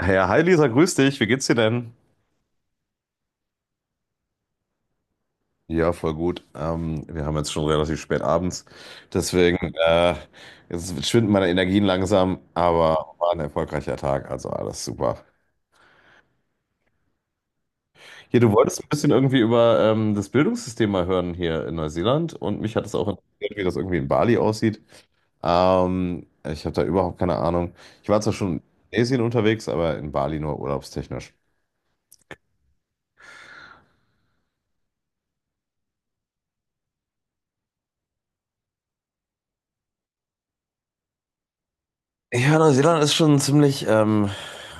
Ja, hi Lisa, grüß dich. Wie geht's dir denn? Ja, voll gut. Wir haben jetzt schon relativ spät abends. Deswegen jetzt schwinden meine Energien langsam, aber war ein erfolgreicher Tag, also alles super. Hier, du wolltest ein bisschen irgendwie über das Bildungssystem mal hören hier in Neuseeland und mich hat es auch interessiert, wie das irgendwie in Bali aussieht. Ich habe da überhaupt keine Ahnung. Ich war zwar schon in Indonesien unterwegs, aber in Bali nur urlaubstechnisch. Ja, Neuseeland ist schon ziemlich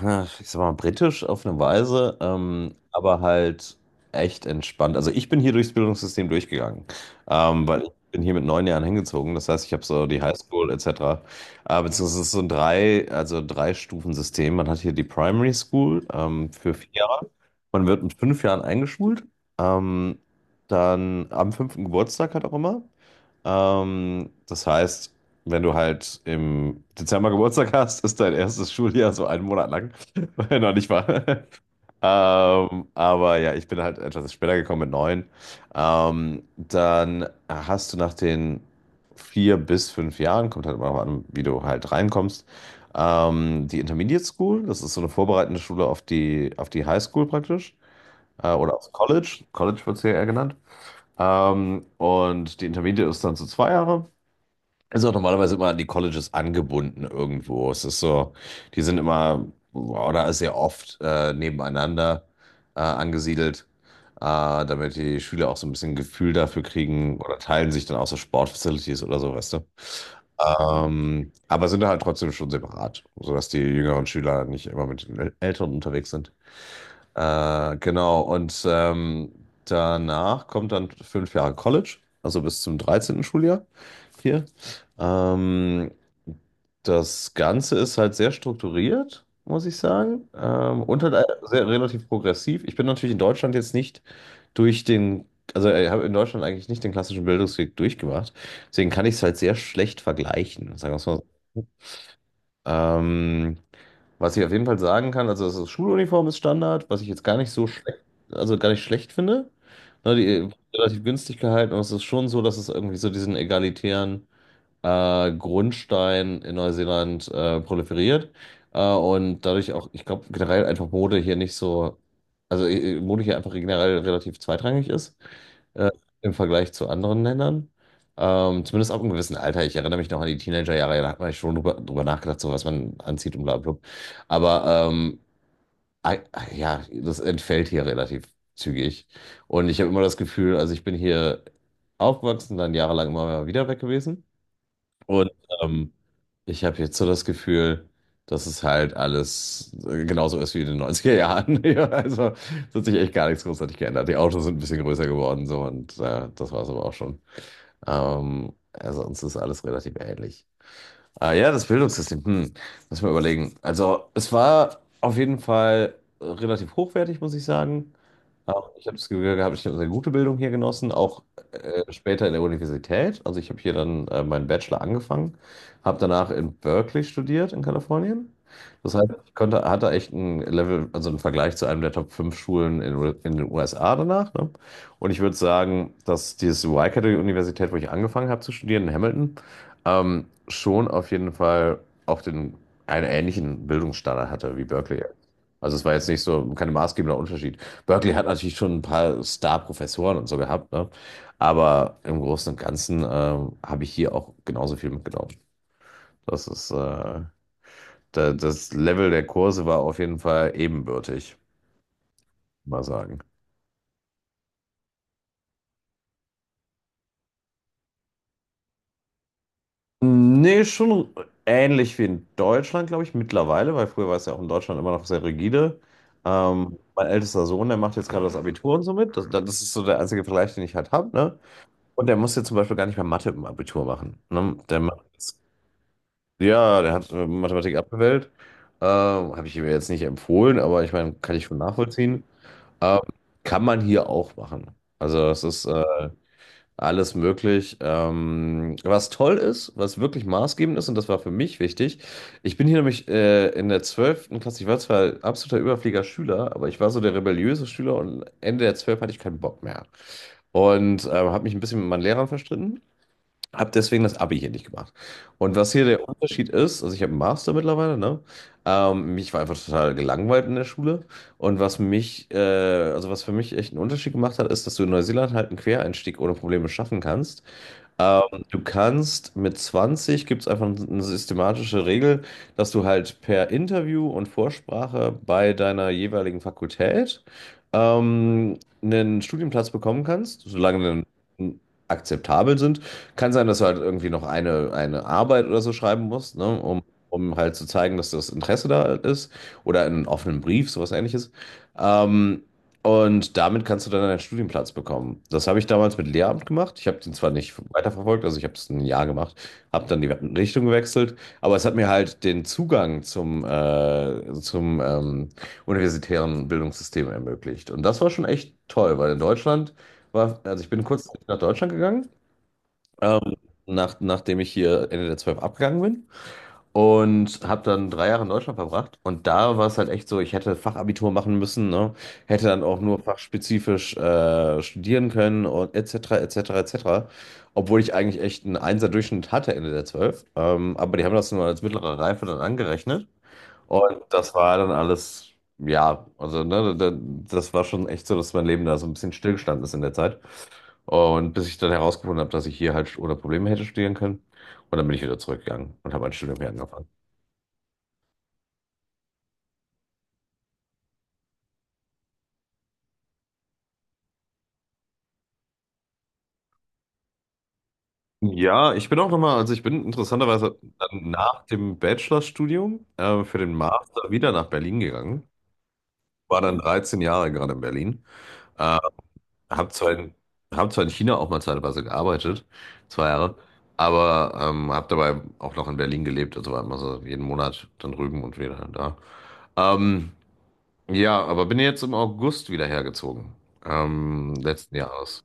ja, ich sag mal, britisch auf eine Weise aber halt echt entspannt. Also ich bin hier durchs Bildungssystem durchgegangen, weil ich bin hier mit 9 Jahren hingezogen. Das heißt, ich habe so die Highschool etc. Beziehungsweise es ist so ein Drei-Stufen-System. Man hat hier die Primary School für 4 Jahre. Man wird mit 5 Jahren eingeschult. Ähm, Dann am fünften Geburtstag halt auch immer. Das heißt, wenn du halt im Dezember Geburtstag hast, ist dein erstes Schuljahr so einen Monat lang. Noch nicht wahr? Aber ja, ich bin halt etwas später gekommen mit neun. Dann hast du nach den 4 bis 5 Jahren, kommt halt immer noch an, wie du halt reinkommst, die Intermediate School. Das ist so eine vorbereitende Schule auf die High School praktisch. Oder aufs College. College wird es hier eher genannt. Und die Intermediate ist dann so 2 Jahre. Ist auch normalerweise immer an die Colleges angebunden irgendwo. Es ist so, die sind immer oder sehr oft nebeneinander angesiedelt, damit die Schüler auch so ein bisschen Gefühl dafür kriegen oder teilen sich dann auch so Sportfacilities oder so, weißt du. Aber sind halt trotzdem schon separat, sodass die jüngeren Schüler nicht immer mit den Älteren unterwegs sind. Genau, und danach kommt dann 5 Jahre College, also bis zum 13. Schuljahr hier. Ähm, Das Ganze ist halt sehr strukturiert, muss ich sagen, und halt sehr relativ progressiv. Ich bin natürlich in Deutschland jetzt nicht durch den, also ich habe in Deutschland eigentlich nicht den klassischen Bildungsweg durchgemacht, deswegen kann ich es halt sehr schlecht vergleichen, sagen wir es mal so. Ähm, Was ich auf jeden Fall sagen kann, also das Schuluniform ist Standard, was ich jetzt gar nicht so schlecht, also gar nicht schlecht finde. Ne, die wird relativ günstig gehalten und es ist schon so, dass es irgendwie so diesen egalitären Grundstein in Neuseeland proliferiert. Und dadurch auch, ich glaube, generell einfach Mode hier nicht so, Mode hier einfach generell relativ zweitrangig ist äh, im Vergleich zu anderen Ländern. Zumindest ab einem gewissen Alter. Ich erinnere mich noch an die Teenagerjahre, da hat man ja schon drüber nachgedacht, so was man anzieht und bla bla. Aber ei- ja, das entfällt hier relativ zügig. Und ich habe immer das Gefühl, also ich bin hier aufgewachsen, dann jahrelang immer wieder weg gewesen. Und ähm, ich habe jetzt so das Gefühl, dass es halt alles genauso ist wie in den neunziger Jahren. Ja, also es hat sich echt gar nichts großartig geändert. Die Autos sind ein bisschen größer geworden so und das war es aber auch schon. Also uns ist alles relativ ähnlich. Ah ja, das Bildungssystem. Muss ich mal überlegen. Also, es war auf jeden Fall relativ hochwertig, muss ich sagen. Auch ich habe das Gefühl gehabt, ich habe eine gute Bildung hier genossen, auch später in der Universität. Also ich habe hier dann meinen Bachelor angefangen, habe danach in Berkeley studiert in Kalifornien. Das heißt, hatte echt ein Level, also einen Vergleich zu einem der Top 5 Schulen in den USA danach. Ne? Und ich würde sagen, dass diese Y-Universität, wo ich angefangen habe zu studieren in Hamilton, schon auf jeden Fall auch einen ähnlichen Bildungsstandard hatte wie Berkeley. Also es war jetzt nicht so kein maßgebender Unterschied. Berkeley hat natürlich schon ein paar Star-Professoren und so gehabt, ne? Aber im Großen und Ganzen habe ich hier auch genauso viel mitgenommen. Das ist, äh, Das Level der Kurse war auf jeden Fall ebenbürtig, mal sagen. Nee, schon ähnlich wie in Deutschland, glaube ich, mittlerweile, weil früher war es ja auch in Deutschland immer noch sehr rigide. Mein ältester Sohn, der macht jetzt gerade das Abitur und so mit. Das ist so der einzige Vergleich, den ich halt habe, ne? Und der muss jetzt zum Beispiel gar nicht mehr Mathe im Abitur machen. Ne? Ja, der hat Mathematik abgewählt. Habe ich ihm jetzt nicht empfohlen, aber ich meine, kann ich schon nachvollziehen. Ähm, Kann man hier auch machen. Also es ist alles möglich. Was toll ist, was wirklich maßgebend ist, und das war für mich wichtig, ich bin hier nämlich in der 12. Klasse, ich war zwar absoluter Überflieger-Schüler, aber ich war so der rebelliöse Schüler und Ende der 12 hatte ich keinen Bock mehr. Und habe mich ein bisschen mit meinen Lehrern verstritten. Hab deswegen das Abi hier nicht gemacht. Und was hier der Unterschied ist, also ich habe einen Master mittlerweile, ne? Mich war einfach total gelangweilt in der Schule. Und was für mich echt einen Unterschied gemacht hat, ist, dass du in Neuseeland halt einen Quereinstieg ohne Probleme schaffen kannst. Ähm, Du kannst mit 20 gibt es einfach eine systematische Regel, dass du halt per Interview und Vorsprache bei deiner jeweiligen Fakultät einen Studienplatz bekommen kannst, solange die akzeptabel sind. Kann sein, dass du halt irgendwie noch eine Arbeit oder so schreiben musst, ne, um, um halt zu zeigen, dass das Interesse da ist oder einen offenen Brief, sowas ähnliches. Ähm, und damit kannst du dann einen Studienplatz bekommen. Das habe ich damals mit Lehramt gemacht. Ich habe den zwar nicht weiterverfolgt, also ich habe es ein Jahr gemacht, habe dann die Richtung gewechselt, aber es hat mir halt den Zugang zum universitären Bildungssystem ermöglicht. Und das war schon echt toll, weil in Deutschland war, also ich bin kurz nach Deutschland gegangen, ähm, nachdem ich hier Ende der 12 abgegangen bin. Und habe dann 3 Jahre in Deutschland verbracht. Und da war es halt echt so, ich hätte Fachabitur machen müssen, ne? Hätte dann auch nur fachspezifisch studieren können und etc., etc., etc. Obwohl ich eigentlich echt einen Einser-Durchschnitt hatte Ende der zwölf. Aber die haben das nur als mittlere Reife dann angerechnet. Und das war dann alles, ja, also ne, das war schon echt so, dass mein Leben da so ein bisschen stillgestanden ist in der Zeit. Und bis ich dann herausgefunden habe, dass ich hier halt ohne Probleme hätte studieren können. Und dann bin ich wieder zurückgegangen und habe mein Studium hier angefangen. Ja, ich bin auch nochmal, also ich bin interessanterweise dann nach dem Bachelorstudium für den Master wieder nach Berlin gegangen. War dann 13 Jahre gerade in Berlin. Äh, hab zwar in, Hab zwar in China auch mal zeitweise gearbeitet, 2 Jahre, aber hab dabei auch noch in Berlin gelebt, also war immer so jeden Monat dann drüben und wieder da. Ähm, ja, aber bin jetzt im August wieder hergezogen, letzten Jahres.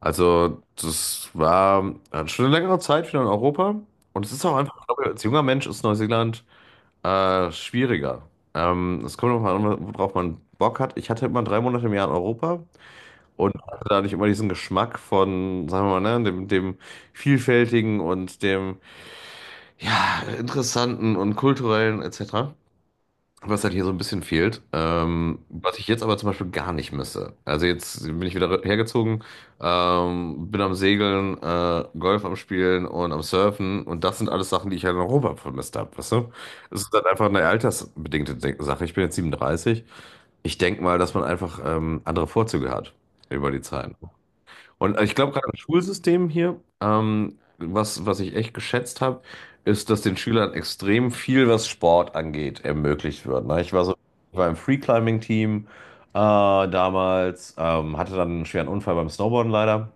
Also, das war schon eine längere Zeit wieder in Europa. Und es ist auch einfach, ich glaube, als junger Mensch ist Neuseeland schwieriger. Es kommt nochmal an, worauf man Bock hat. Ich hatte immer 3 Monate im Jahr in Europa und hatte dadurch immer diesen Geschmack von, sagen wir mal, ne, dem Vielfältigen und dem, ja, Interessanten und Kulturellen etc. Was halt hier so ein bisschen fehlt, was ich jetzt aber zum Beispiel gar nicht misse. Also jetzt bin ich wieder hergezogen, bin am Segeln, Golf am Spielen und am Surfen und das sind alles Sachen, die ich halt in Europa vermisst habe, weißt du? Es ist halt einfach eine altersbedingte Sache. Ich bin jetzt 37. Ich denke mal, dass man einfach andere Vorzüge hat über die Zeit. Und ich glaube, gerade im Schulsystem hier, was ich echt geschätzt habe, ist, dass den Schülern extrem viel, was Sport angeht, ermöglicht wird. Ne? Ich war im Free-Climbing-Team damals, hatte dann einen schweren Unfall beim Snowboarden leider,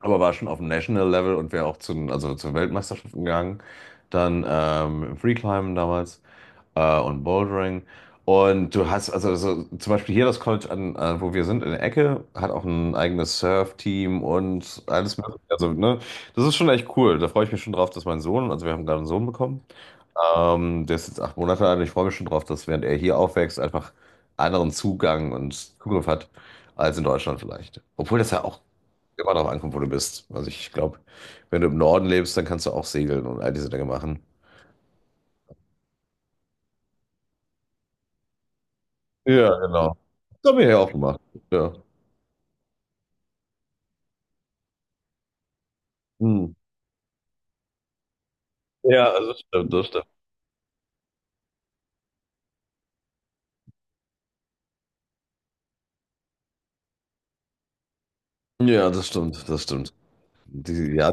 aber war schon auf dem National Level und wäre auch zu Weltmeisterschaften gegangen. Dann im Free-Climben damals und Bouldering. Und du hast, also so, zum Beispiel hier das College, wo wir sind, in der Ecke, hat auch ein eigenes Surf-Team und alles Mögliche. Also, ne, das ist schon echt cool. Da freue ich mich schon drauf, dass mein Sohn, also wir haben gerade einen Sohn bekommen, der ist jetzt 8 Monate alt und ich freue mich schon drauf, dass während er hier aufwächst, einfach anderen Zugang und Zugriff hat als in Deutschland vielleicht. Obwohl das ja auch immer darauf ankommt, wo du bist. Also ich glaube, wenn du im Norden lebst, dann kannst du auch segeln und all diese Dinge machen. Ja, genau. Das haben wir ja auch gemacht. Ja. Hm. Ja, das stimmt, das stimmt. Ja, das stimmt, das stimmt. Ja,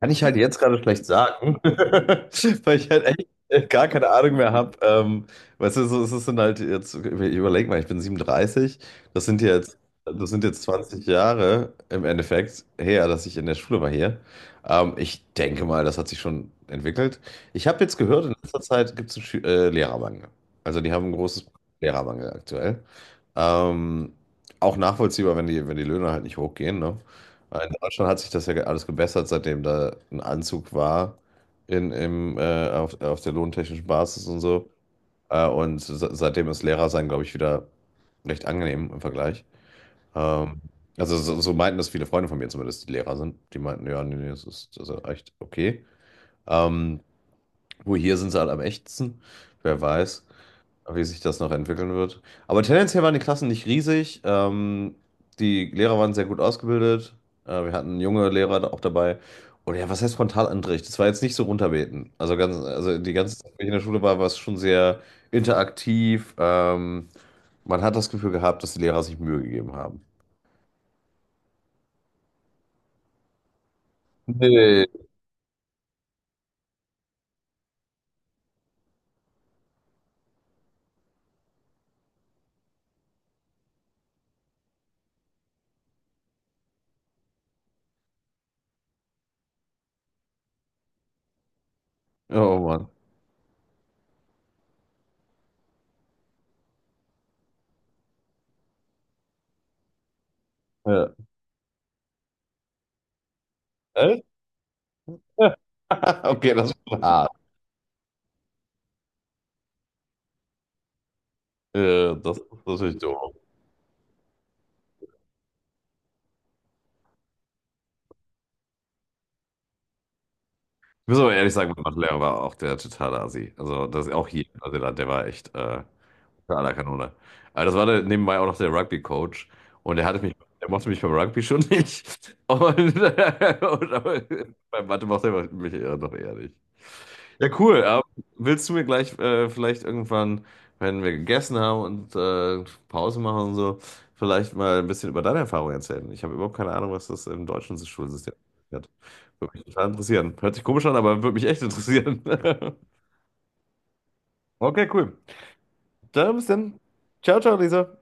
kann ich halt jetzt gerade schlecht sagen, weil ich halt echt gar keine Ahnung mehr habe. Weißt du, so, es ist dann halt jetzt, ich überleg mal, ich bin 37, das sind jetzt, das sind jetzt 20 Jahre im Endeffekt her, dass ich in der Schule war hier. Ich denke mal, das hat sich schon entwickelt. Ich habe jetzt gehört, in letzter Zeit gibt es einen Lehrermangel. Also die haben ein großes Lehrermangel aktuell. Ähm, Auch nachvollziehbar, wenn die Löhne halt nicht hochgehen, ne? In Deutschland hat sich das ja alles gebessert, seitdem da ein Anzug war auf der lohntechnischen Basis und so. Und seitdem ist Lehrer sein, glaube ich, wieder recht angenehm im Vergleich. Ähm, also so meinten das viele Freunde von mir zumindest, die Lehrer sind. Die meinten, ja, nee, nee, das ist, echt okay. Ähm, Wo hier sind sie halt am echtsten, wer weiß wie sich das noch entwickeln wird. Aber tendenziell waren die Klassen nicht riesig. Die Lehrer waren sehr gut ausgebildet. Wir hatten junge Lehrer da auch dabei. Und ja, was heißt Frontalunterricht? Das war jetzt nicht so runterbeten. Also ganz, also die ganze Zeit, wenn ich in der Schule war, war es schon sehr interaktiv. Man hat das Gefühl gehabt, dass die Lehrer sich Mühe gegeben haben. Nee. Oh Mann. Ja. Echt? Okay, das war hart. Das ist natürlich doof. Ich muss aber ehrlich sagen, mein Mathelehrer war auch der totale Assi. Also das ist auch hier in Neuseeland, der war echt unter aller Kanone. Aber das war der, nebenbei auch noch der Rugby-Coach und der mochte mich beim Rugby schon nicht. Aber beim Mathe mochte er mich eher noch eher nicht. Ja, cool. Aber willst du mir gleich vielleicht irgendwann, wenn wir gegessen haben und Pause machen und so, vielleicht mal ein bisschen über deine Erfahrung erzählen? Ich habe überhaupt keine Ahnung, was das im deutschen Schulsystem hat. Würde mich total interessieren. Hört sich komisch an, aber würde mich echt interessieren. Okay, cool. Dann bis dann. Ciao, ciao, Lisa.